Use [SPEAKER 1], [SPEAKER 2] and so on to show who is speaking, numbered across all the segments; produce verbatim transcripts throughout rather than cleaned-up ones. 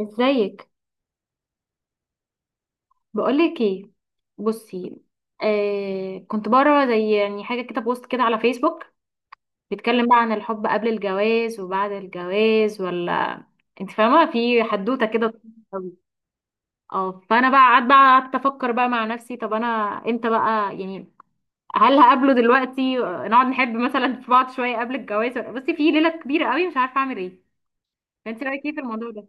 [SPEAKER 1] ازيك؟ بقولك ايه. بصي، آه كنت بقرا زي يعني حاجه كده، بوست كده على فيسبوك، بيتكلم بقى عن الحب قبل الجواز وبعد الجواز، ولا انت فاهمه؟ في حدوته كده طويلة أوي. اه فانا بقى قعدت بقى قعدت افكر بقى مع نفسي، طب انا امتى بقى يعني؟ هل هقابله دلوقتي، آه، نقعد نحب مثلا في بعض شويه قبل الجواز، ولا- بصي، في ليله كبيره قوي، مش عارفه اعمل ايه. فانت رايك ايه في الموضوع ده؟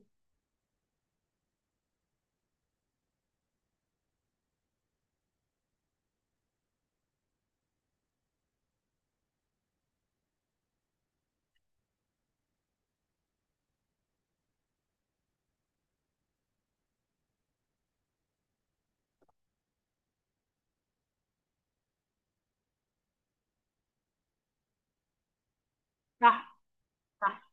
[SPEAKER 1] صح. صح.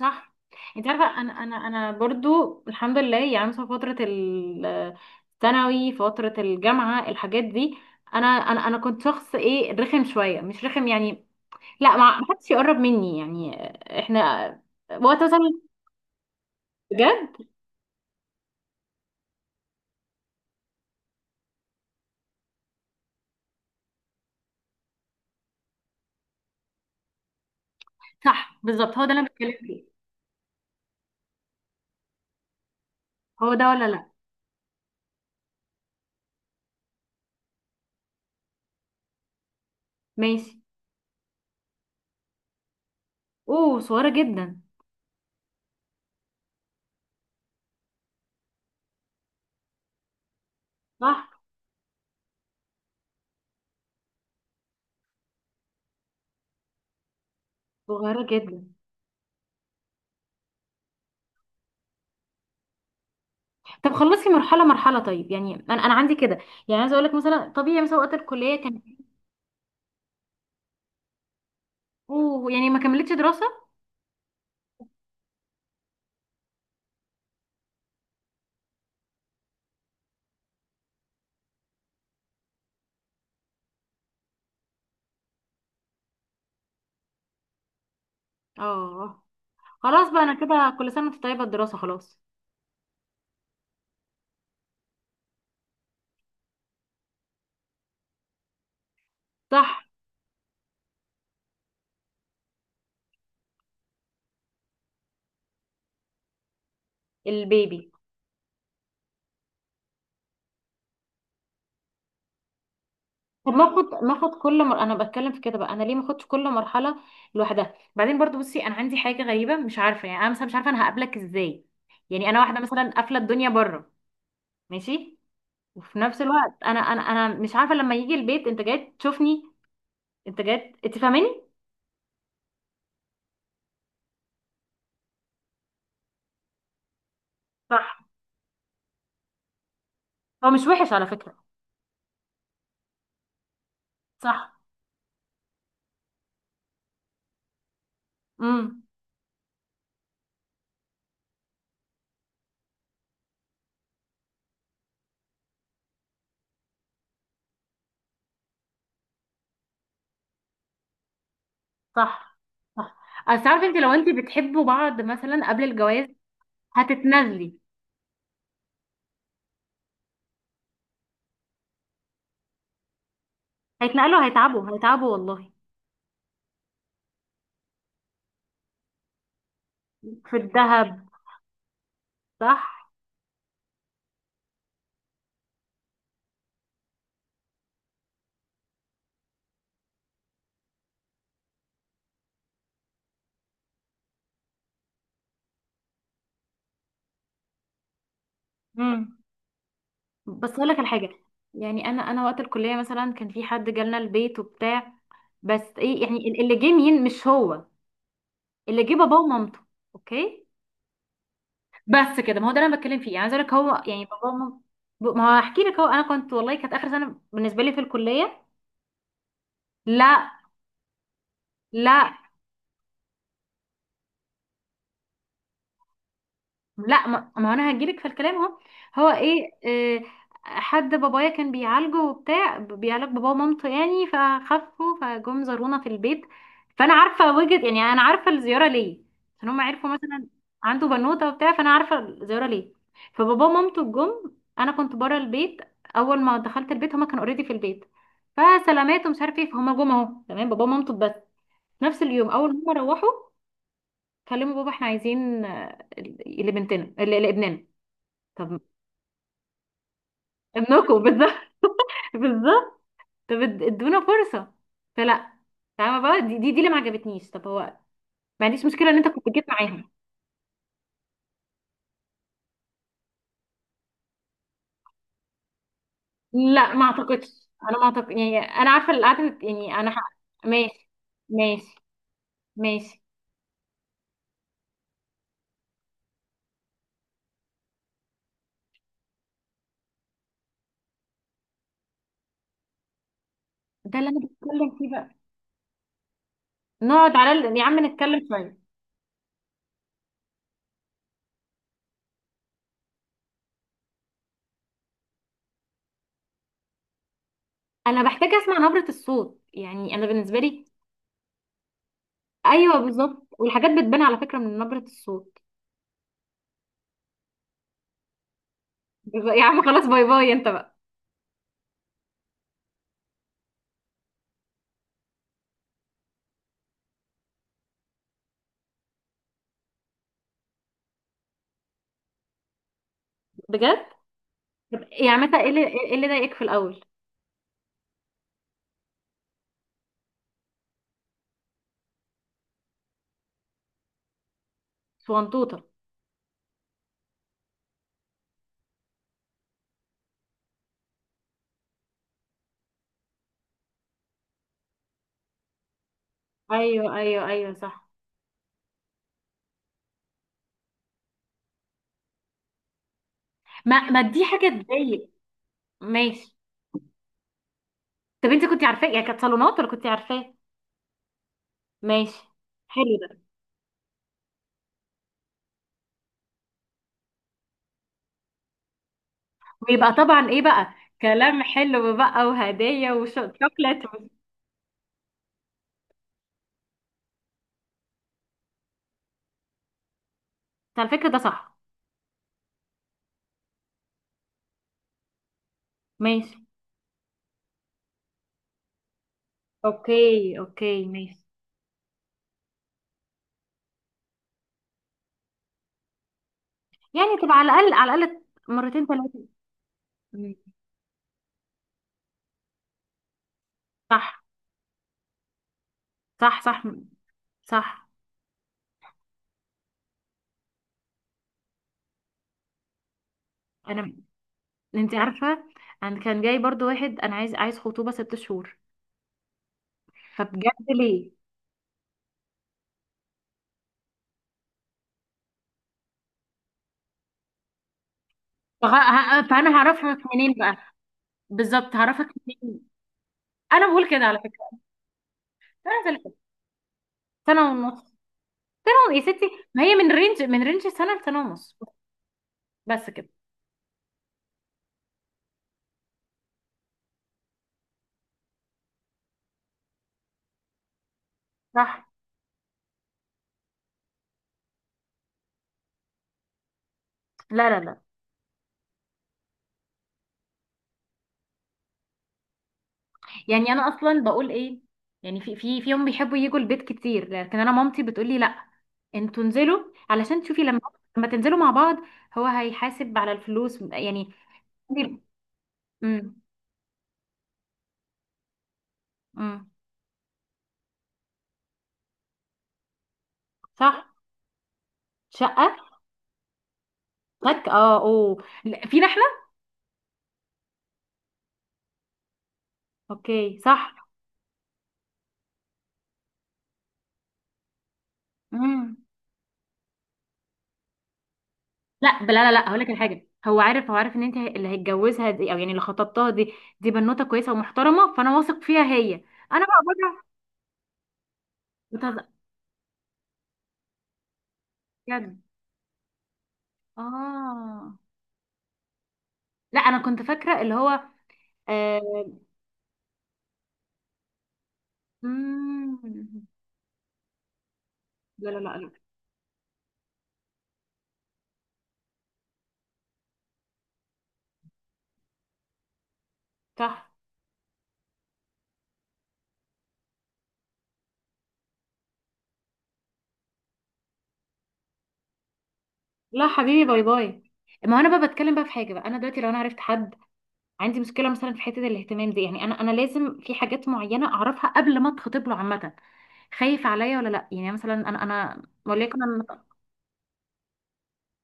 [SPEAKER 1] صح. انت عارفه، انا انا انا برضو الحمد لله، يعني مثلا فتره الثانوي، فتره الجامعه، الحاجات دي، انا انا انا كنت شخص ايه، رخم شويه، مش رخم يعني، لا ما ما حدش يقرب مني يعني. احنا وقت مثلا، بجد. صح، بالظبط، هو ده اللي انا بتكلم فيه. هو ده ولا لا؟ ماشي. اوه، صغيره جدا. صح. صغيره جدا. طب خلصي مرحله مرحله، طيب يعني انا انا عندي كده، يعني عايزه اقول لك مثلا طبيعي، مثلا وقت الكليه كان. اوه، يعني ما كملتش دراسه. اه خلاص بقى، انا كده كل سنه وانت طيبه، الدراسه خلاص. صح. البيبي. طب ما اخد ما اخد كل مر... انا بتكلم في كده بقى، انا ليه ما اخدش كل مرحله لوحدها؟ بعدين برضو، بصي انا عندي حاجه غريبه، مش عارفه يعني، انا مثلا مش عارفه انا هقابلك ازاي. يعني انا واحده مثلا قافله الدنيا بره، ماشي، وفي نفس الوقت انا انا انا مش عارفه لما يجي البيت انت جاي تشوفني، انت جاي، انت فاهماني. صح. هو مش وحش على فكره. صح. امم. صح. صح. اصل عارفه انت، لو انت بتحبوا بعض مثلا قبل الجواز هتتنازلي. هيتنقلوا، هيتعبوا، هيتعبوا والله. في الذهب. صح. امم بس اقول لك الحاجه، يعني انا انا وقت الكليه مثلا، كان في حد جالنا البيت وبتاع، بس ايه يعني، ال- اللي جه مين؟ مش هو اللي جه، باباه ومامته. اوكي. بس كده، ما هو ده اللي انا بتكلم فيه، يعني عايز اقول لك هو يعني باباه ومامته. ما هو هحكي لك، هو انا كنت والله، كانت اخر سنه بالنسبه لي في الكليه. لا. لا. لا. ما ما انا هجيلك في الكلام اهو. هو ايه، آه، حد بابايا كان بيعالجه وبتاع، بيعالج بابا ومامته يعني، فخفوا فجم زارونا في البيت. فانا عارفه وجهه يعني، انا عارفه الزياره ليه، عشان هم عرفوا مثلا عنده بنوته وبتاع، فانا عارفه الزياره ليه. فبابا ومامته جم، انا كنت بره البيت، اول ما دخلت البيت هما كانوا اوريدي في البيت، فسلامات ومش عارف ايه، فهما جم اهو تمام، بابا ومامته بس. نفس اليوم اول ما هما روحوا، كلموا بابا، احنا عايزين آه، لبنتنا لابننا. طب ابنكم بالظبط. بالظبط. طب اد- ادونا فرصة. فلا. فاهمة بقى، دي دي, دي اللي ما عجبتنيش. طب هو، ما عنديش مشكلة ان انت كنت جيت معاهم. لا ما اعتقدش، انا ما اعتقد يعني، انا عارفة اللي قعدت يعني، انا ح... ماشي. ماشي. ماشي. ده اللي انا بتكلم فيه بقى. نقعد على ال... يا عم نتكلم شوية. انا بحتاج اسمع نبرة الصوت، يعني انا بالنسبة لي، ايوه بالظبط، والحاجات بتبان على فكرة من نبرة الصوت. يا عم خلاص، باي باي انت بقى. بجد؟ طب يعني مثلا ايه اللي إيه اللي ضايقك في الاول؟ صغنطوطة. ايوه. ايوه. ايوه. صح. ما ما دي حاجة تضايق. ماشي. طب انت كنت عارفاه، يعني كانت صالونات ولا كنت عارفاه؟ ماشي. حلو ده، ويبقى طبعا ايه بقى، كلام حلو بقى وهدية وشوكليت و... على فكرة ده صح. ماشي. اوكي. اوكي. ماشي. يعني تبقى على الاقل، على الاقل مرتين ثلاثة. مم. صح. صح. صح. صح. انا، انت عارفه انا كان جاي برضو واحد، انا عايز عايز خطوبه ست شهور. فبجد؟ ليه؟ فغ- ه- فانا هعرفك منين بقى؟ بالظبط هعرفك منين. انا بقول كده على فكره. انا زي كده سنه ونص. سنه ون- يا ستي ما هي من رينج من رينج سنه لسنه ونص. بس كده. صح. لا. لا. لا. يعني انا اصلا بقول ايه؟ يعني في في فيهم بيحبوا يجوا البيت كتير، لكن انا مامتي بتقول لي لا، انتوا انزلوا علشان تشوفي لما لما تنزلوا مع بعض، هو هيحاسب على الفلوس يعني. امم. امم. صح. شقه. لك اه اوه لا، فينا احنا. اوكي. صح. مم. لا. لا. لا. لا. هقول لك الحاجه، هو عارف، هو عارف ان انت اللي هيتجوزها دي، او يعني اللي خطبتها دي، دي بنوته كويسه ومحترمه، فانا واثق فيها هي. انا بقى بقى بتهزر؟ بجد. اه لا، انا كنت فاكره اللي هو آه... مم. لا. لا. لا. لا. صح. لا حبيبي، باي باي. ما انا بقى بتكلم بقى في حاجه بقى، انا دلوقتي لو انا عرفت حد، عندي مشكله مثلا في حته الاهتمام دي، يعني انا انا لازم في حاجات معينه اعرفها قبل ما اتخطب له. عامه خايف عليا ولا لا، يعني مثلا انا انا وليكن،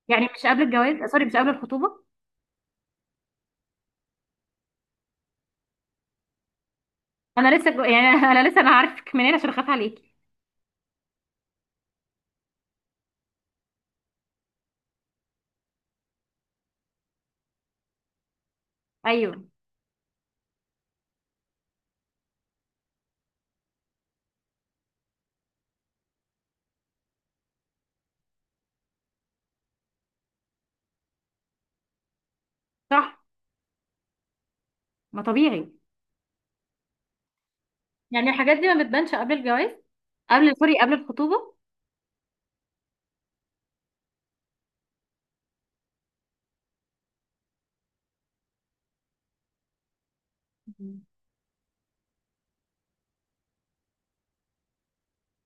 [SPEAKER 1] يعني مش قبل الجواز، سوري مش قبل الخطوبة. انا لسه جو... يعني انا لسه انا عارفك منين عشان اخاف عليكي. ايوه. صح. ما طبيعي. يعني الحاجات دي ما بتبانش قبل الجواز، قبل، سوري، قبل الخطوبة. مم.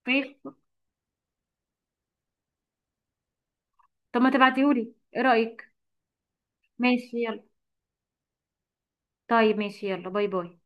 [SPEAKER 1] ماشي. طب ما تبعتيهولي، ايه رأيك؟ ماشي يلا. طيب ماشي يلا، باي باي.